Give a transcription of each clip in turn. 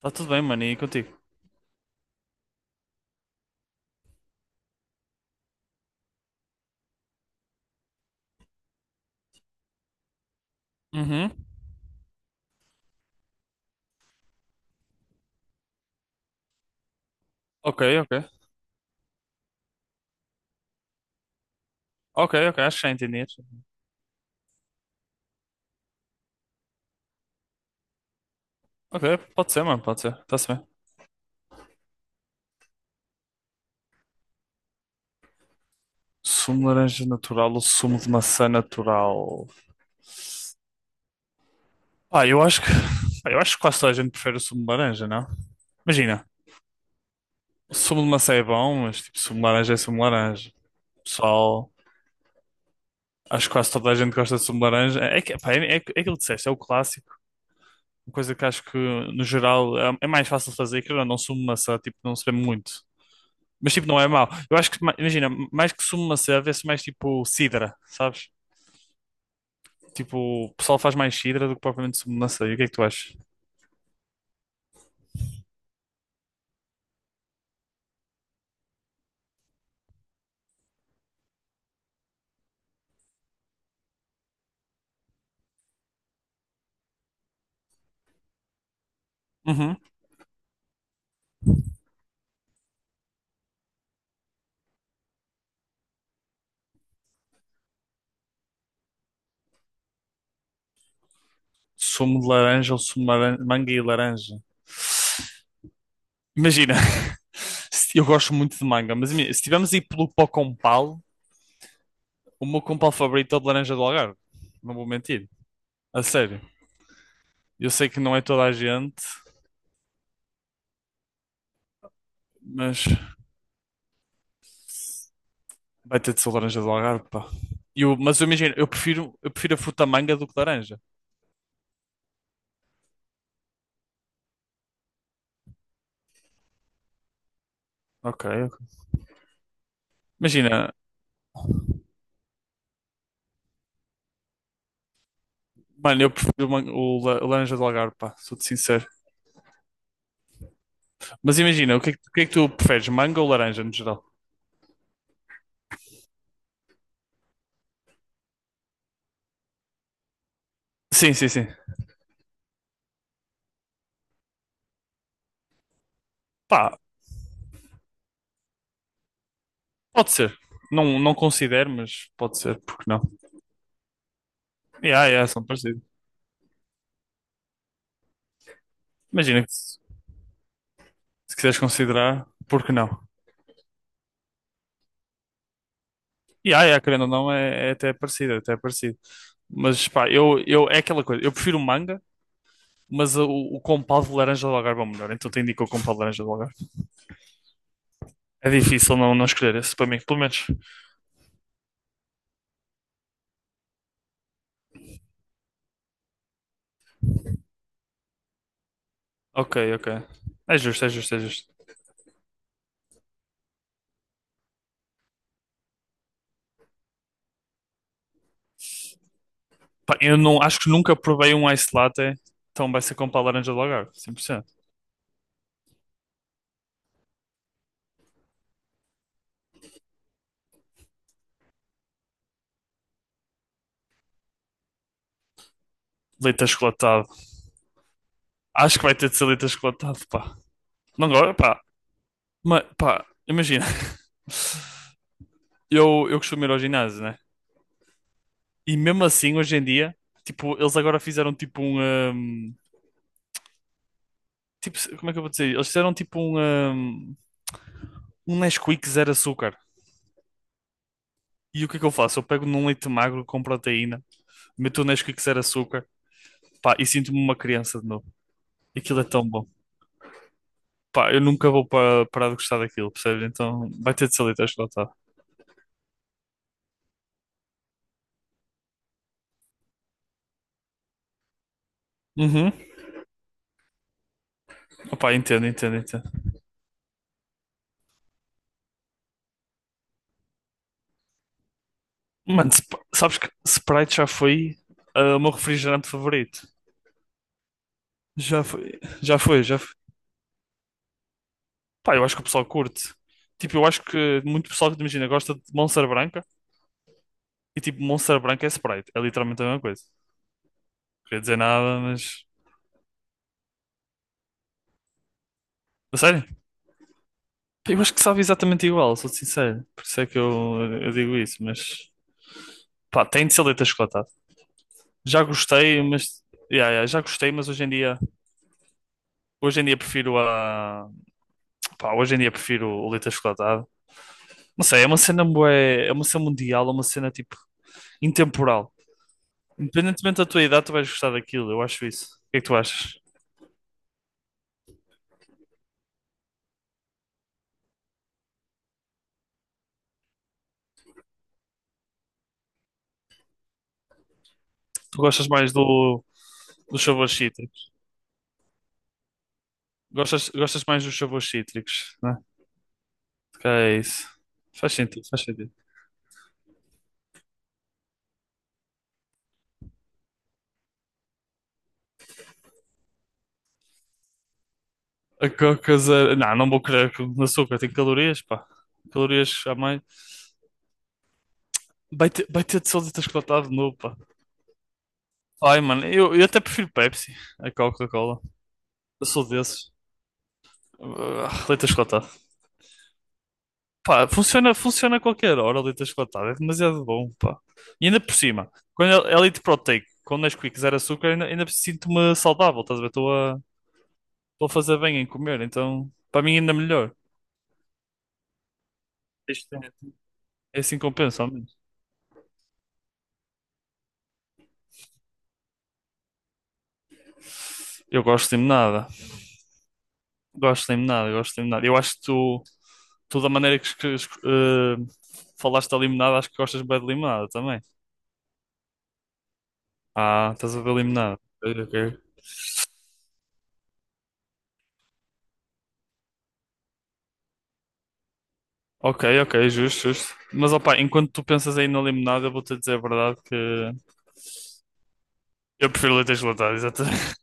Tá tudo bem, mano, e contigo? Uhum. Ok, ok. Ok, ok, acho que já entendi. Acho que já entendi. Ok, pode ser, mano, pode ser. Tá-se bem. Sumo de laranja natural ou sumo de maçã natural? Pá, eu acho que. Pá, eu acho que quase toda a gente prefere o sumo de laranja, não? Imagina, o sumo de maçã é bom, mas tipo, sumo de laranja é sumo de laranja. Pessoal, acho que quase toda a gente gosta de sumo de laranja. É, que, pá, é aquilo que disseste, é o clássico. Uma coisa que acho que, no geral, é mais fácil de fazer, que é não, sumo de maçã, tipo, não se vê muito. Mas tipo, não é mau. Eu acho que, imagina, mais que sumo de maçã vê-se mais tipo sidra, sabes? Tipo, o pessoal faz mais sidra do que propriamente submacê. E o que é que tu achas? Uhum. Sumo de laranja ou sumo de manga e laranja? Imagina, eu gosto muito de manga, mas imagina, se tivermos a ir pelo pó com pal, o meu com pal favorito é o de laranja do Algarve. Não vou mentir. A sério. Eu sei que não é toda a gente, mas vai ter de ser laranja do Algarve, pá. Mas eu imagino, eu prefiro a fruta manga do que laranja. Ok, imagina, mano, eu prefiro o, man- o la- o laranja do Algarve, pá, sou-te sincero. Mas imagina, o que é que tu preferes, manga ou laranja no geral? Sim, sim, sim. Pá, pode ser. Não, não considero, mas pode ser, porque não? Yeah, yeah, são parecidos. Imagina que se quiseres considerar, porque não? Yeah, yeah, querendo ou não, é até parecido, é até parecido. Mas pá, eu, é aquela coisa, eu prefiro manga, mas o compal de laranja do Algarve é o melhor, então te indico o compal de laranja do Algarve. É difícil não escolher esse para mim, pelo menos. Ok, ok. É justo, é justo, é justo. Pá, eu não, acho que nunca provei um ice latte, então vai ser com pá laranja de Algarve, 100%. Leite achocolatado. Acho que vai ter de ser leite achocolatado, pá. Não agora, pá. Mas, pá, imagina. Eu costumo ir ao ginásio, né? E mesmo assim, hoje em dia, tipo, eles agora fizeram tipo um, hum, tipo, como é que eu vou dizer? Eles fizeram tipo hum, Um Nesquik zero açúcar. E o que é que eu faço? Eu pego num leite magro com proteína, meto o Nesquik zero açúcar, pá, e sinto-me uma criança de novo. Aquilo é tão bom. Pá, eu nunca vou parar de gostar daquilo, percebes? Então vai ter de ser leite achocolatado. Uhum. Opá, entendo, entendo, entendo. Mano, sabes que Sprite já foi o meu refrigerante favorito. Já foi, já foi, já foi. Pá, eu acho que o pessoal curte. Tipo, eu acho que muito pessoal que imagina gosta de Monster Branca e tipo, Monster Branca é Sprite. É literalmente a mesma coisa. Não queria dizer nada, mas. A sério? Pá, eu acho que sabe exatamente igual, sou sincero. Por isso é que eu digo isso, mas. Pá, tem de ser leite. Já gostei, mas yeah, yeah, já gostei, mas hoje em dia, prefiro a pá, hoje em dia prefiro o leite achocolatado. Não sei, é uma cena bué, é uma cena mundial, é uma cena tipo intemporal. Independentemente da tua idade, tu vais gostar daquilo, eu acho isso. O que é que tu achas? Tu gostas mais do dos sabores cítricos? Gostas mais dos sabores cítricos, né? Que é isso. Faz sentido, faz sentido. A Coca Zero, não, não vou querer com açúcar, tem calorias, pá. Calorias a mais. Vai ter de sódio achocolatado de novo, pá. Ai, mano, eu até prefiro Pepsi a Coca-Cola. Eu sou desses. Ah, leite achocolatado. Pá, funciona, funciona a qualquer hora, o leite achocolatado. É demasiado bom, pá. E ainda por cima, quando é leite proteico, quando Nesquik zero açúcar, ainda sinto-me saudável, estás a ver? Estou a fazer bem em comer, então para mim ainda melhor. Isto é assim que compensa, ao menos. Eu gosto de limonada. Gosto de limonada, gosto de limonada. Eu acho que tu da maneira que, falaste da limonada, acho que gostas bem de limonada também. Ah, estás a ver limonada. Ok, ok. Ok, ok, justo, justo. Mas opá, enquanto tu pensas aí na limonada, eu vou-te dizer a verdade que eu prefiro leite gelado, exatamente.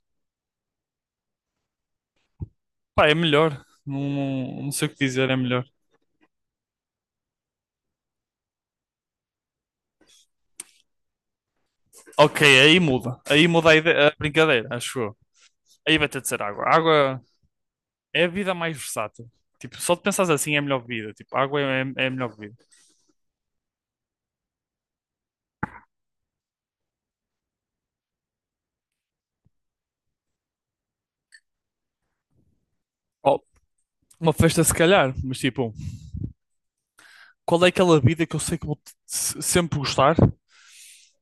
Pá, é melhor. Não, não, não sei o que dizer, é melhor. Ok, aí muda. Aí muda a brincadeira, acho eu. Aí vai ter de ser água. Água é a vida mais versátil. Tipo, só de pensares assim é a melhor vida. Tipo, água é a melhor vida. Oh, uma festa se calhar, mas tipo, qual é aquela vida que eu sei que vou sempre gostar?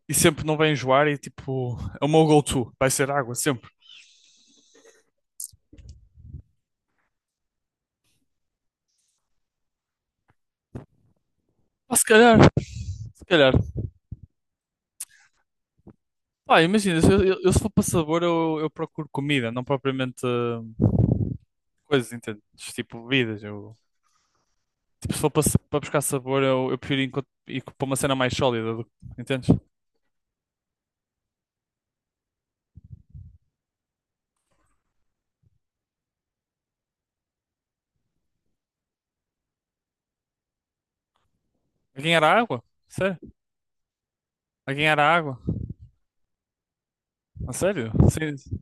E sempre não vai enjoar e tipo, é o meu go-to, vai ser água sempre. Ah, se calhar, se calhar. Pá, imagina, se eu se for para sabor, eu procuro comida, não propriamente coisas, entende? Tipo bebidas. Eu, tipo, se for para, para buscar sabor, eu prefiro ir para uma cena mais sólida, entendes? A ganhar a água? Sério? A ganhar a água? A sério? Sim.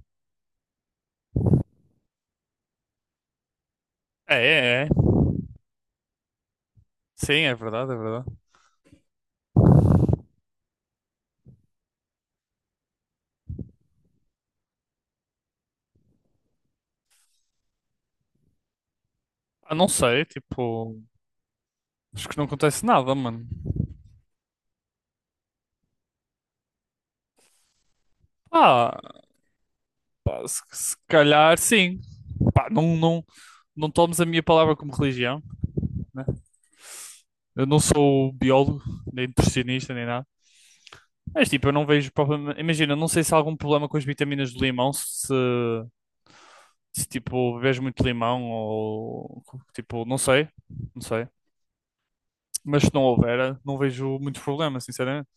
É, é, é. Sim, é verdade, é verdade. Ah, não sei, tipo, acho que não acontece nada, mano. Ah, pá, se calhar sim. Pá, não, não, não tomes a minha palavra como religião, né? Eu não sou biólogo, nem nutricionista, nem nada. Mas tipo, eu não vejo problema. Imagina, eu não sei se há algum problema com as vitaminas do limão, se tipo, bebes muito limão ou tipo, não sei, não sei. Mas se não houver, não vejo muito problema, sinceramente.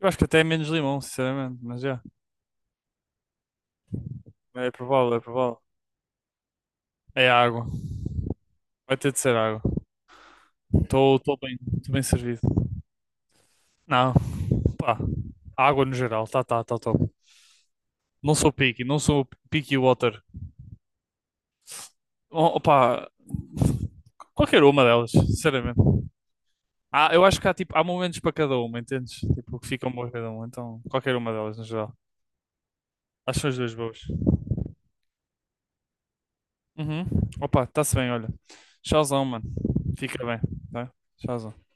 Eu acho que até é menos limão, sinceramente, mas já. É provável, é provável. É água. Vai ter de ser água. Estou bem servido. Não, pá. Água no geral, tá top. Não sou picky, não sou picky water. Oh, opa, qualquer uma delas, sinceramente. Ah, eu acho que há, tipo, há momentos para cada uma, entendes? Tipo, que ficam boas cada uma, então qualquer uma delas no geral. Acho que são as duas boas. Uhum. Opa, está-se bem, olha. Tchauzão, mano. Fica bem, tá? Tchauzão.